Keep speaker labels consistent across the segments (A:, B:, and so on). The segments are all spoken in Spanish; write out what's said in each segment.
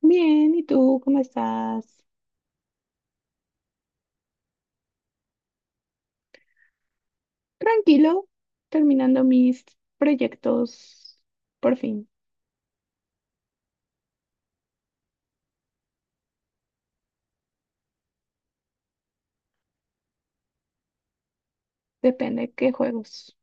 A: Bien, ¿y tú cómo estás? Tranquilo, terminando mis proyectos por fin. Depende qué juegos.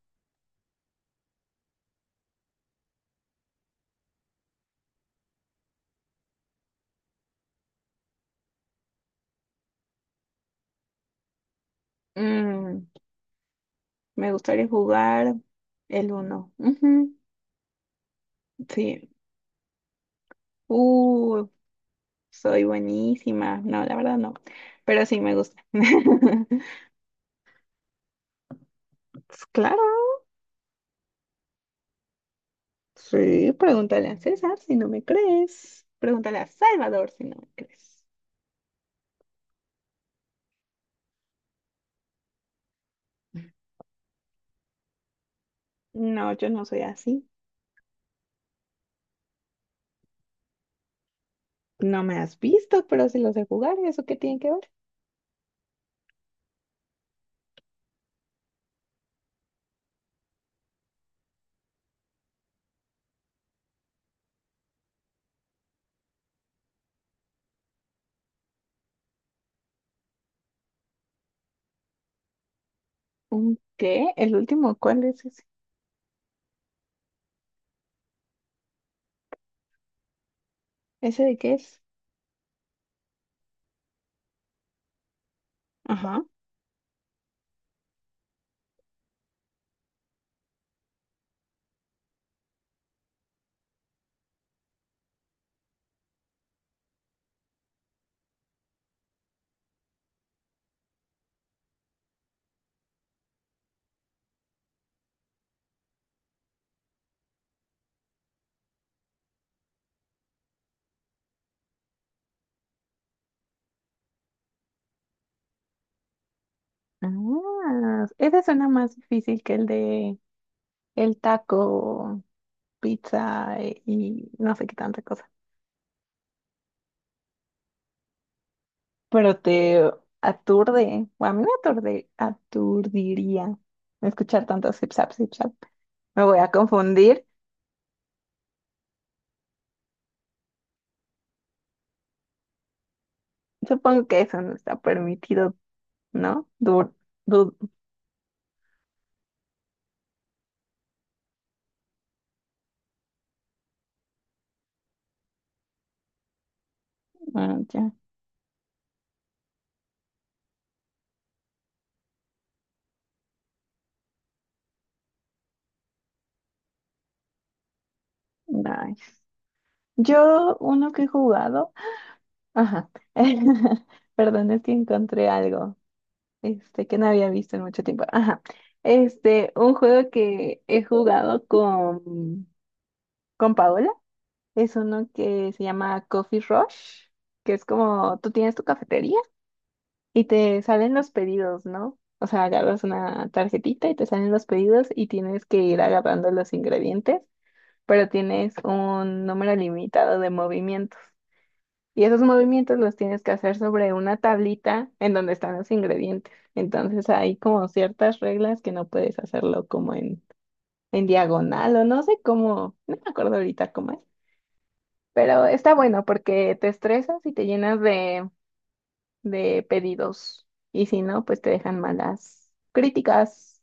A: Mm, me gustaría jugar el uno. Ujú, sí. Uh, soy buenísima. No, la verdad no. Pero sí me gusta. Pues claro, sí. Pregúntale a César si no me crees. Pregúntale a Salvador si no me crees. No, yo no soy así. No me has visto, pero si lo sé jugar, ¿eso qué tiene que ver? ¿Un qué? ¿El último? ¿Cuál es ese? ¿Ese de qué es? Ajá. Ah, ese suena más difícil que el de el taco, pizza y no sé qué tanta cosa. Pero te aturde. O a mí me aturde, aturdiría escuchar tanto zip zap, zip zap. Me voy a confundir. Supongo que eso no está permitido, ¿no? Dur, dur, ah, ya. Nice. Yo, uno que he jugado. Ajá. Perdón, es que encontré algo este, que no había visto en mucho tiempo. Ajá. Este, un juego que he jugado con Paola. Es uno que se llama Coffee Rush, que es como tú tienes tu cafetería y te salen los pedidos, ¿no? O sea, agarras una tarjetita y te salen los pedidos y tienes que ir agarrando los ingredientes, pero tienes un número limitado de movimientos. Y esos movimientos los tienes que hacer sobre una tablita en donde están los ingredientes. Entonces hay como ciertas reglas que no puedes hacerlo como en diagonal o no sé cómo, no me acuerdo ahorita cómo es. Pero está bueno porque te estresas y te llenas de pedidos. Y si no, pues te dejan malas críticas.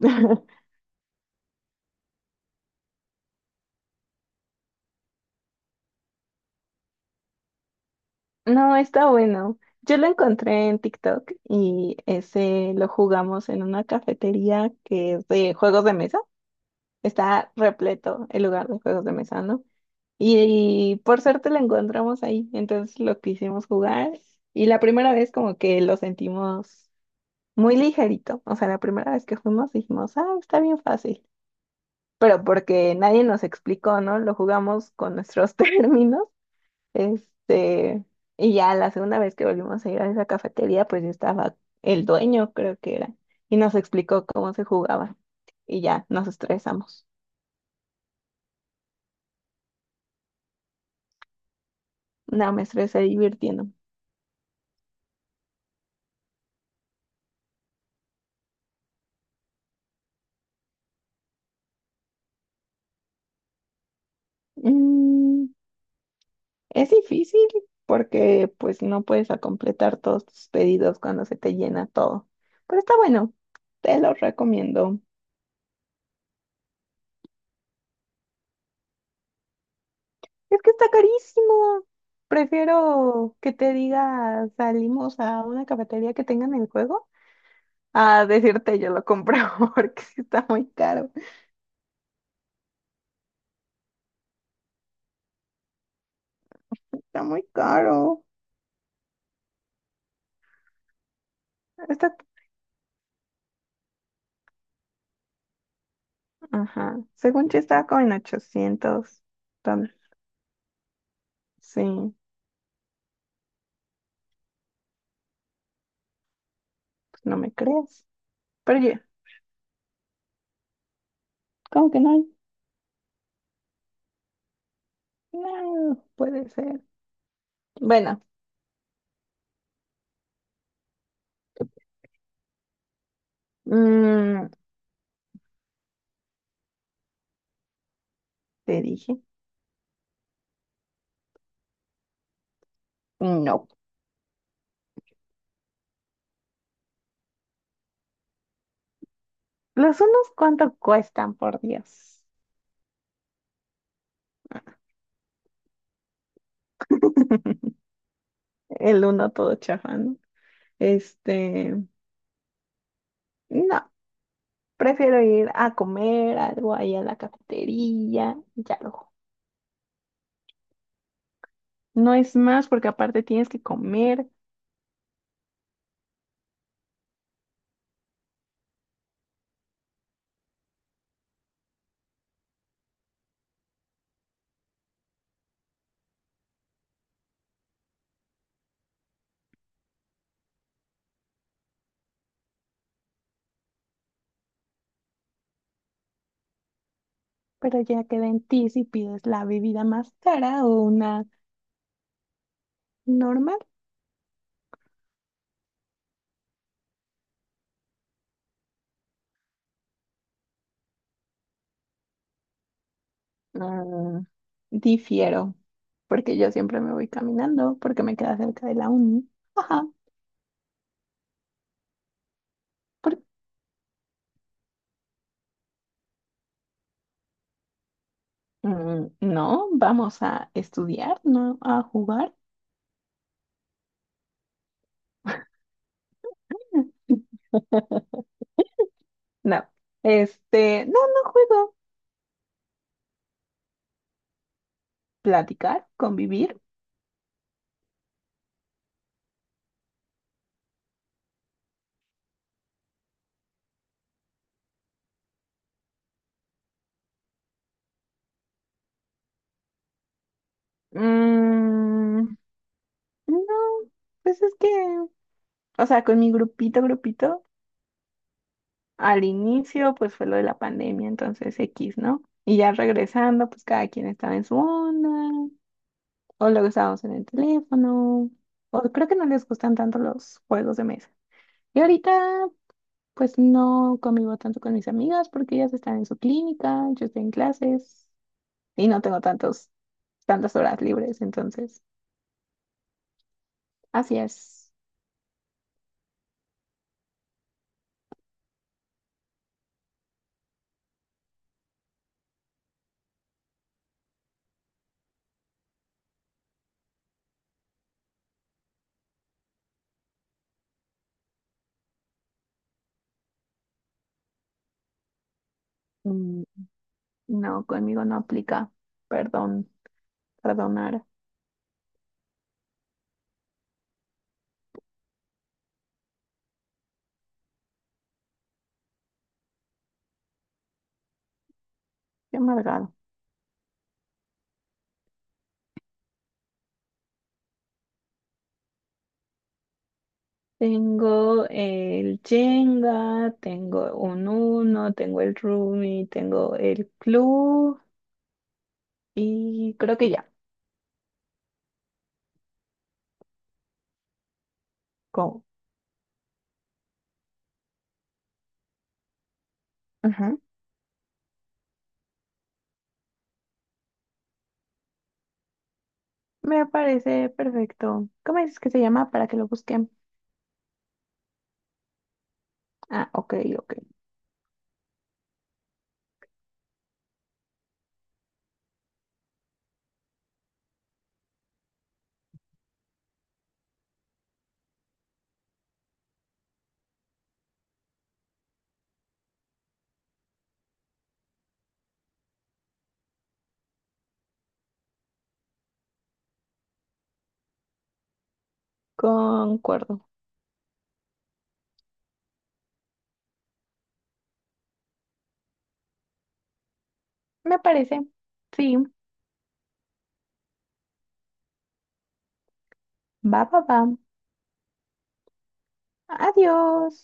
A: No, está bueno. Yo lo encontré en TikTok y ese lo jugamos en una cafetería que es de juegos de mesa. Está repleto el lugar de juegos de mesa, ¿no? Y, por suerte lo encontramos ahí. Entonces lo quisimos jugar y la primera vez como que lo sentimos muy ligerito. O sea, la primera vez que fuimos dijimos, ah, está bien fácil. Pero porque nadie nos explicó, ¿no? Lo jugamos con nuestros términos. Este, y ya la segunda vez que volvimos a ir a esa cafetería, pues ya estaba el dueño, creo que era, y nos explicó cómo se jugaba. Y ya nos estresamos. No, me estresé divirtiendo. Mm. Es difícil porque pues no puedes a completar todos tus pedidos cuando se te llena todo. Pero está bueno, te lo recomiendo. Es que está carísimo. Prefiero que te diga salimos a una cafetería que tengan el juego a decirte yo lo compro porque sí está muy caro. Está muy caro. Está, ajá. Según yo estaba como en 800. Entonces, sí, pues no me crees. Pero yo, ¿cómo que no? Hay. No, puede ser. Bueno, mm, te dije, no. Los unos, ¿cuánto cuestan, por Dios? El uno todo chafa, ¿no? Este, no, prefiero ir a comer algo ahí a la cafetería, ya luego. No es más porque aparte tienes que comer, pero ya queda en ti si pides la bebida más cara o una normal. Mm, difiero, porque yo siempre me voy caminando porque me queda cerca de la uni. Ajá. Mm, no, vamos a estudiar, no a jugar. No, este, no, no juego. Platicar, convivir. Mm, no, pues es que, o sea, con mi grupito, grupito, al inicio, pues fue lo de la pandemia, entonces X, ¿no? Y ya regresando, pues cada quien estaba en su onda, o luego estábamos en el teléfono, o creo que no les gustan tanto los juegos de mesa. Y ahorita pues no convivo tanto con mis amigas porque ellas están en su clínica, yo estoy en clases y no tengo tantas horas libres, entonces, así es. Mm, no, conmigo no aplica. Perdón, perdonar. Qué amargado. Tengo el Jenga, tengo un Uno, tengo el Rumi, tengo el Club y creo que ya. Go. Ujú. Me parece perfecto. ¿Cómo es que se llama para que lo busquen? Ah, ok, ok. Concuerdo. Me parece. Sí. Va, va, va. Adiós.